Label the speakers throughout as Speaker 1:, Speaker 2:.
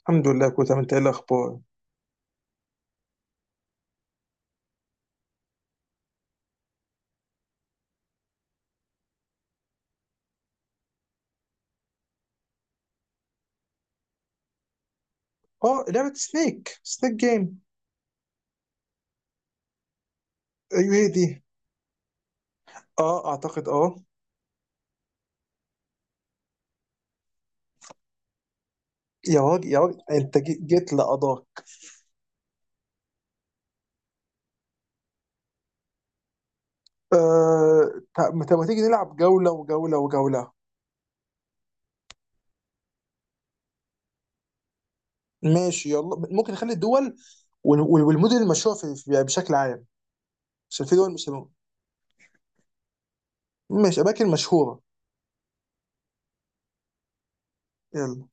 Speaker 1: الحمد لله كويس. انت ايه الاخبار؟ اه لعبه سنيك، سنيك جيم. ايوه هي دي. اه اعتقد اه. يا راجل يا راجل، انت جيت لقضاك. آه ما تيجي نلعب جوله وجوله وجوله. ماشي يلا، ممكن نخلي الدول والمدن المشهوره بشكل عام. عشان في دول مش. ماشي، اماكن مشهوره. يلا،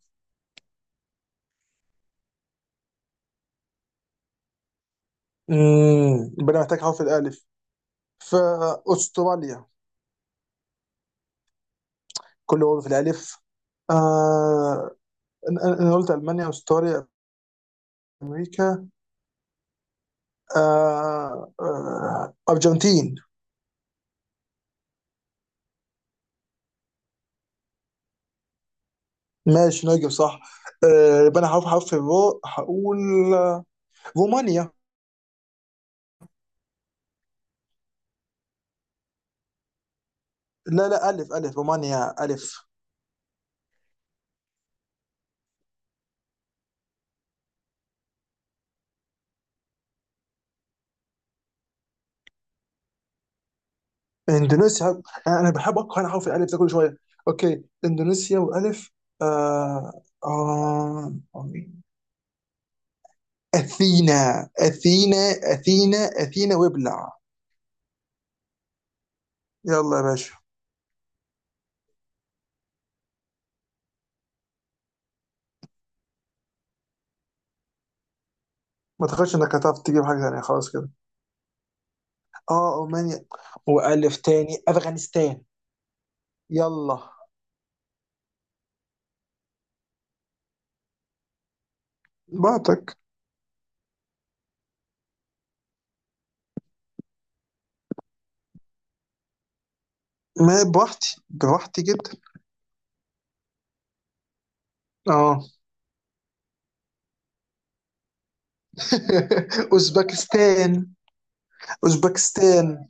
Speaker 1: امم، يبقى انا محتاج حرف الالف، فاستراليا. كله هو في الالف. آه، أنا قلت المانيا، استراليا، امريكا. آه آه، ارجنتين. ماشي، نجم، صح. آه، يبقى انا هروح حرف الرو، هقول رومانيا. لا لا، الف، الف، رومانيا الف. اندونيسيا. انا بحب اقرا انا حرف الالف ده كل شويه. اوكي، اندونيسيا والف. آه آه آه، اثينا اثينا، اثينا اثينا وابلع. يلا يا باشا، ما تخافش انك هتعرف تجيب حاجه ثانيه، خلاص كده. اه رومانيا، والف تاني، افغانستان. يلا بعتك. ما بوحدي بوحدي جدا. اه، اوزبكستان اوزبكستان.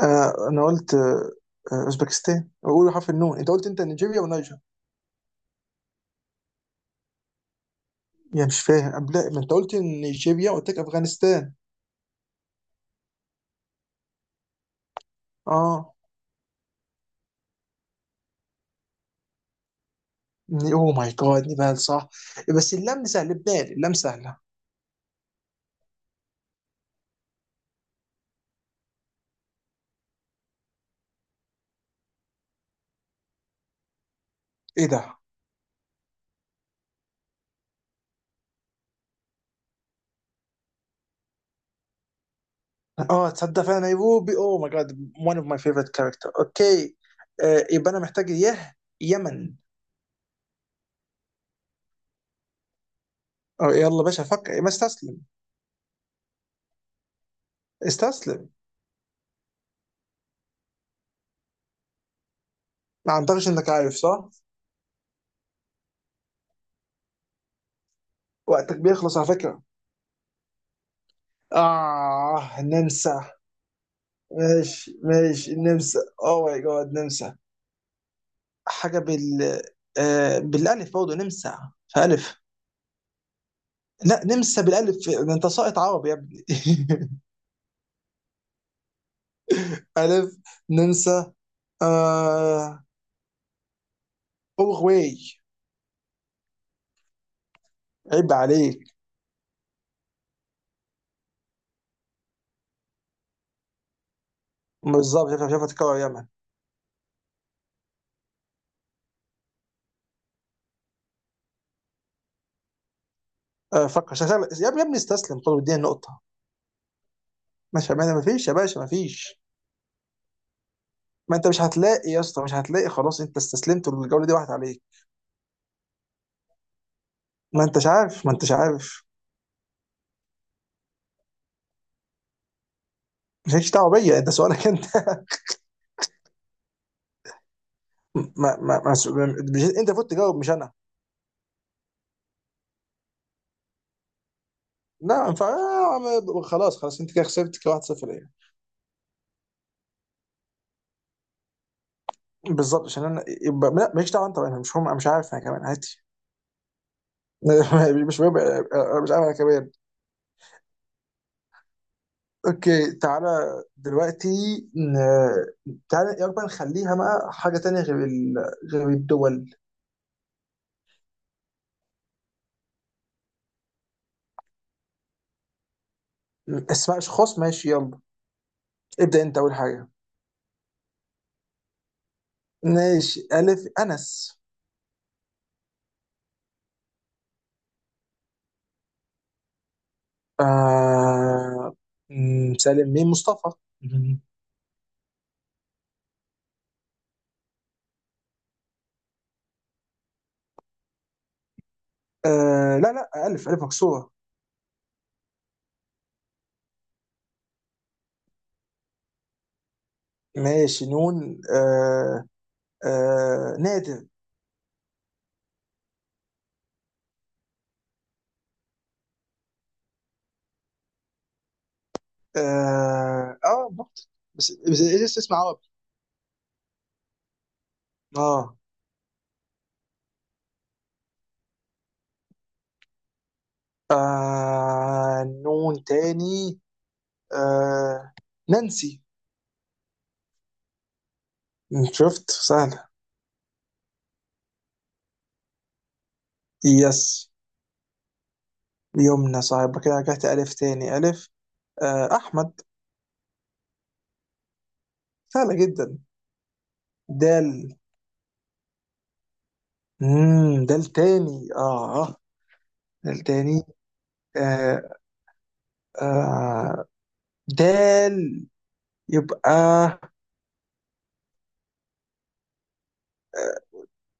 Speaker 1: آه انا قلت آه آه، اوزبكستان، بقول حرف النون، انت قلت انت نيجيريا ونيجر. يعني مش فاهم، قبل ما انت قلت نيجيريا قلت لك افغانستان. اه اوه ماي جاد، نيبال صح. بس اللام سهل، لبنان، اللام سهله. ايه ده؟ اه تصدق فعلا نيروبي، اوه ماي جاد. one of my favorite character. اوكي، آه يبقى انا محتاج يه، يمن. آه يلا باشا فكر، ما استسلم. استسلم، ما اعتقدش انك عارف، صح؟ وقتك بيخلص على فكرة. اه نمسا. ماشي ماشي نمسا، اوه ماي جاد نمسا. حاجة بال، آه بالالف برضه نمسا، فالف. لا نمسا بالالف، ده انت ساقط عربي يا ابني. الف، نمسا. آه، اورواي. عيب عليك. بالظبط، شايف شايف، تكرر يمن. آه فكر شغال. يا ابني يا ابني، استسلم، طب اديني النقطة. ماشي، ما فيش يا باشا، ما فيش. ما انت مش هتلاقي يا اسطى، مش هتلاقي، خلاص انت استسلمت، والجولة دي واحد عليك. ما انتش عارف، ما انتش عارف. مالكش دعوه بيا، ده سؤالك انت. ما انت المفروض تجاوب مش انا. لا ينفع. خلاص خلاص، انت كده خسرت، كده 1-0 ليه. بالظبط، عشان انا يبقى لا، مالكش دعوه انت بقى، انا مش عارف انا كمان، عادي. مش مهم، أنا مش عارف انا كمان. اوكي تعالى دلوقتي. تعالى يلا بقى، نخليها بقى حاجه تانية غير ال، غير الدول. اسماء اشخاص، ماشي يلا، ابدا انت اول حاجه. ماشي، الف، انس. آه مم، سالم، مين، مصطفى. مم. آه لا لا، ألف، ألف مكسورة. ماشي، نون، آه آه نادر. اه آه، بالظبط. بس اسم عربي. اه آه، نون تاني. آه نانسي. شفت سهلة. يس، يمنى، صاحب كده رجعت ألف تاني، ألف. آه أحمد، سهلة جدا. دال، مم، دال تاني اه، دال تاني. آه آه، دال، يبقى،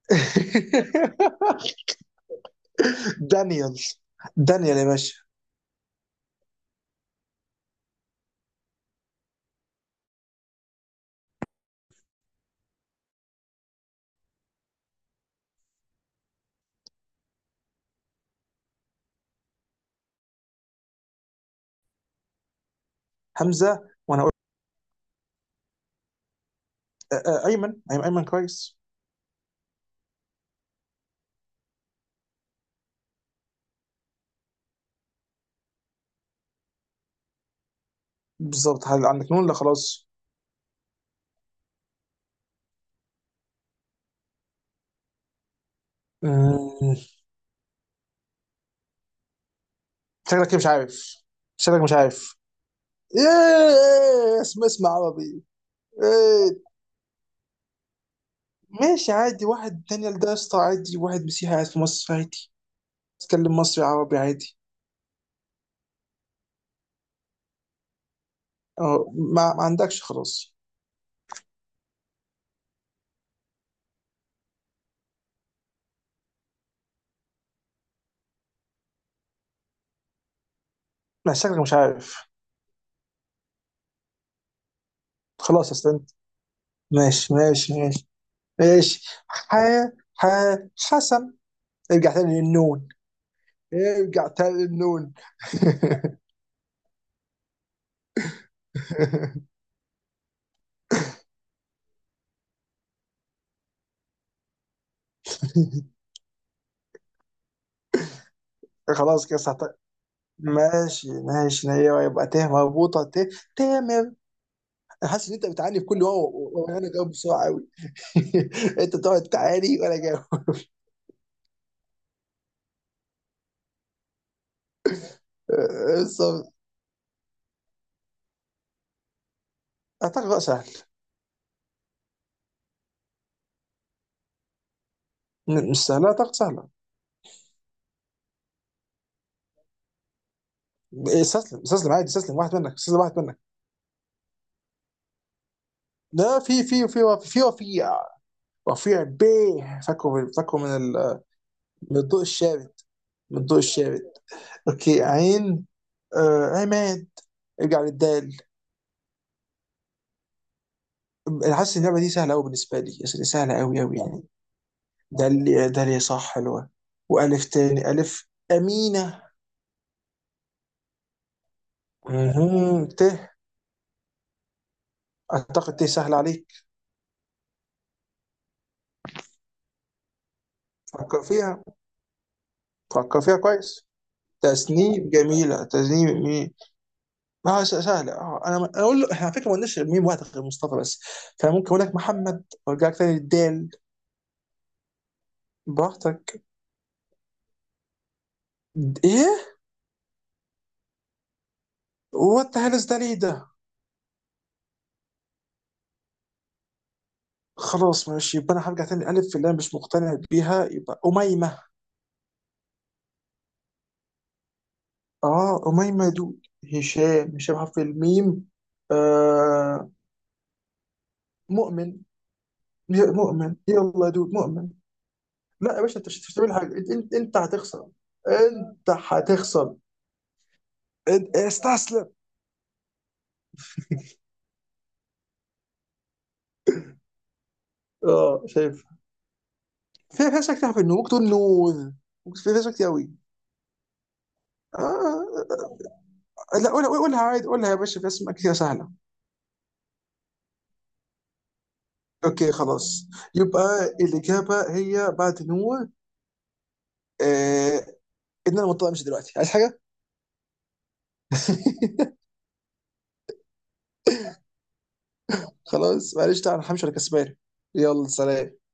Speaker 1: دانيال. دانيال يا باشا. همزة، وانا اقول. آه آه ايمن، ايمن ايمن، كويس. بالظبط، هل عندك نون؟ لا خلاص. مم. شكلك إيه، مش عارف. شكلك مش عارف. ايه اسم، اسم عربي؟ ايه. ماشي عادي، واحد دانيال ده يا اسطى عادي، واحد مسيحي قاعد في مصر عادي، تتكلم مصري، عربي عادي. اه ما عندكش، خلاص. ما شكلك مش عارف، خلاص اصلا. ماشي ماشي ماشي ماشي، ح، ح، حسن. ارجع تاني للنون، ارجع تاني للنون. خلاص كده ماشي ماشي، ايوه يبقى ت مربوطه، ت، تامر. انا حاسس ان انت بتعاني في كل واو وانا جاوب بسرعه قوي. انت بتقعد تعاني وانا جاوب. استنى. اعتقد بقى سهل. مش سهله، اعتقد سهله. استسلم استسلم، عادي استسلم، واحد منك، استسلم واحد منك. لا في رفيع، بيه، فاكره فاكره من الضوء الشابت. من الضوء الشابت. اوكي عين، آه عماد. ارجع للدال. انا حاسس ان اللعبه دي سهله قوي بالنسبه لي، يعني سهله قوي قوي يعني. ده اللي صح، حلوه. والف تاني، الف امينه. مهم. ت، اعتقد ت سهله عليك. فكر فيها، فكر فيها كويس. تسنيم جميله، تسنيم ميم. ما هو سهله، اه انا اقول له احنا على فكره ما قلناش ميم، واحد غير مصطفى بس. فممكن اقول لك محمد، وارجع لك تاني للدال. براحتك. ايه، وات ذا هيل ده، ليه ده. خلاص ماشي، يبقى انا هرجع تاني الف، في اللي انا مش مقتنع بيها، يبقى اميمه. اه اميمه يا دود. هشام، هشام حرف الميم. آه مؤمن، يا مؤمن يلا يا دود مؤمن. لا يا باشا، انت مش هتعمل حاجه، انت هتخسر. انت هتخسر. استسلم. اه شايف، في اشياء كتير في النور، ممكن تقول نور. ممكن في اشياء كتير قوي. آه لا قولها، قولها عادي، قولها يا باشا، في اسماء كتير سهله. اوكي خلاص، يبقى الاجابه هي بعد نوع. آه، ان انا مضطر امشي دلوقتي، عايز حاجه. خلاص معلش، تعال انا همشي، انا كسبان. يلا سلام.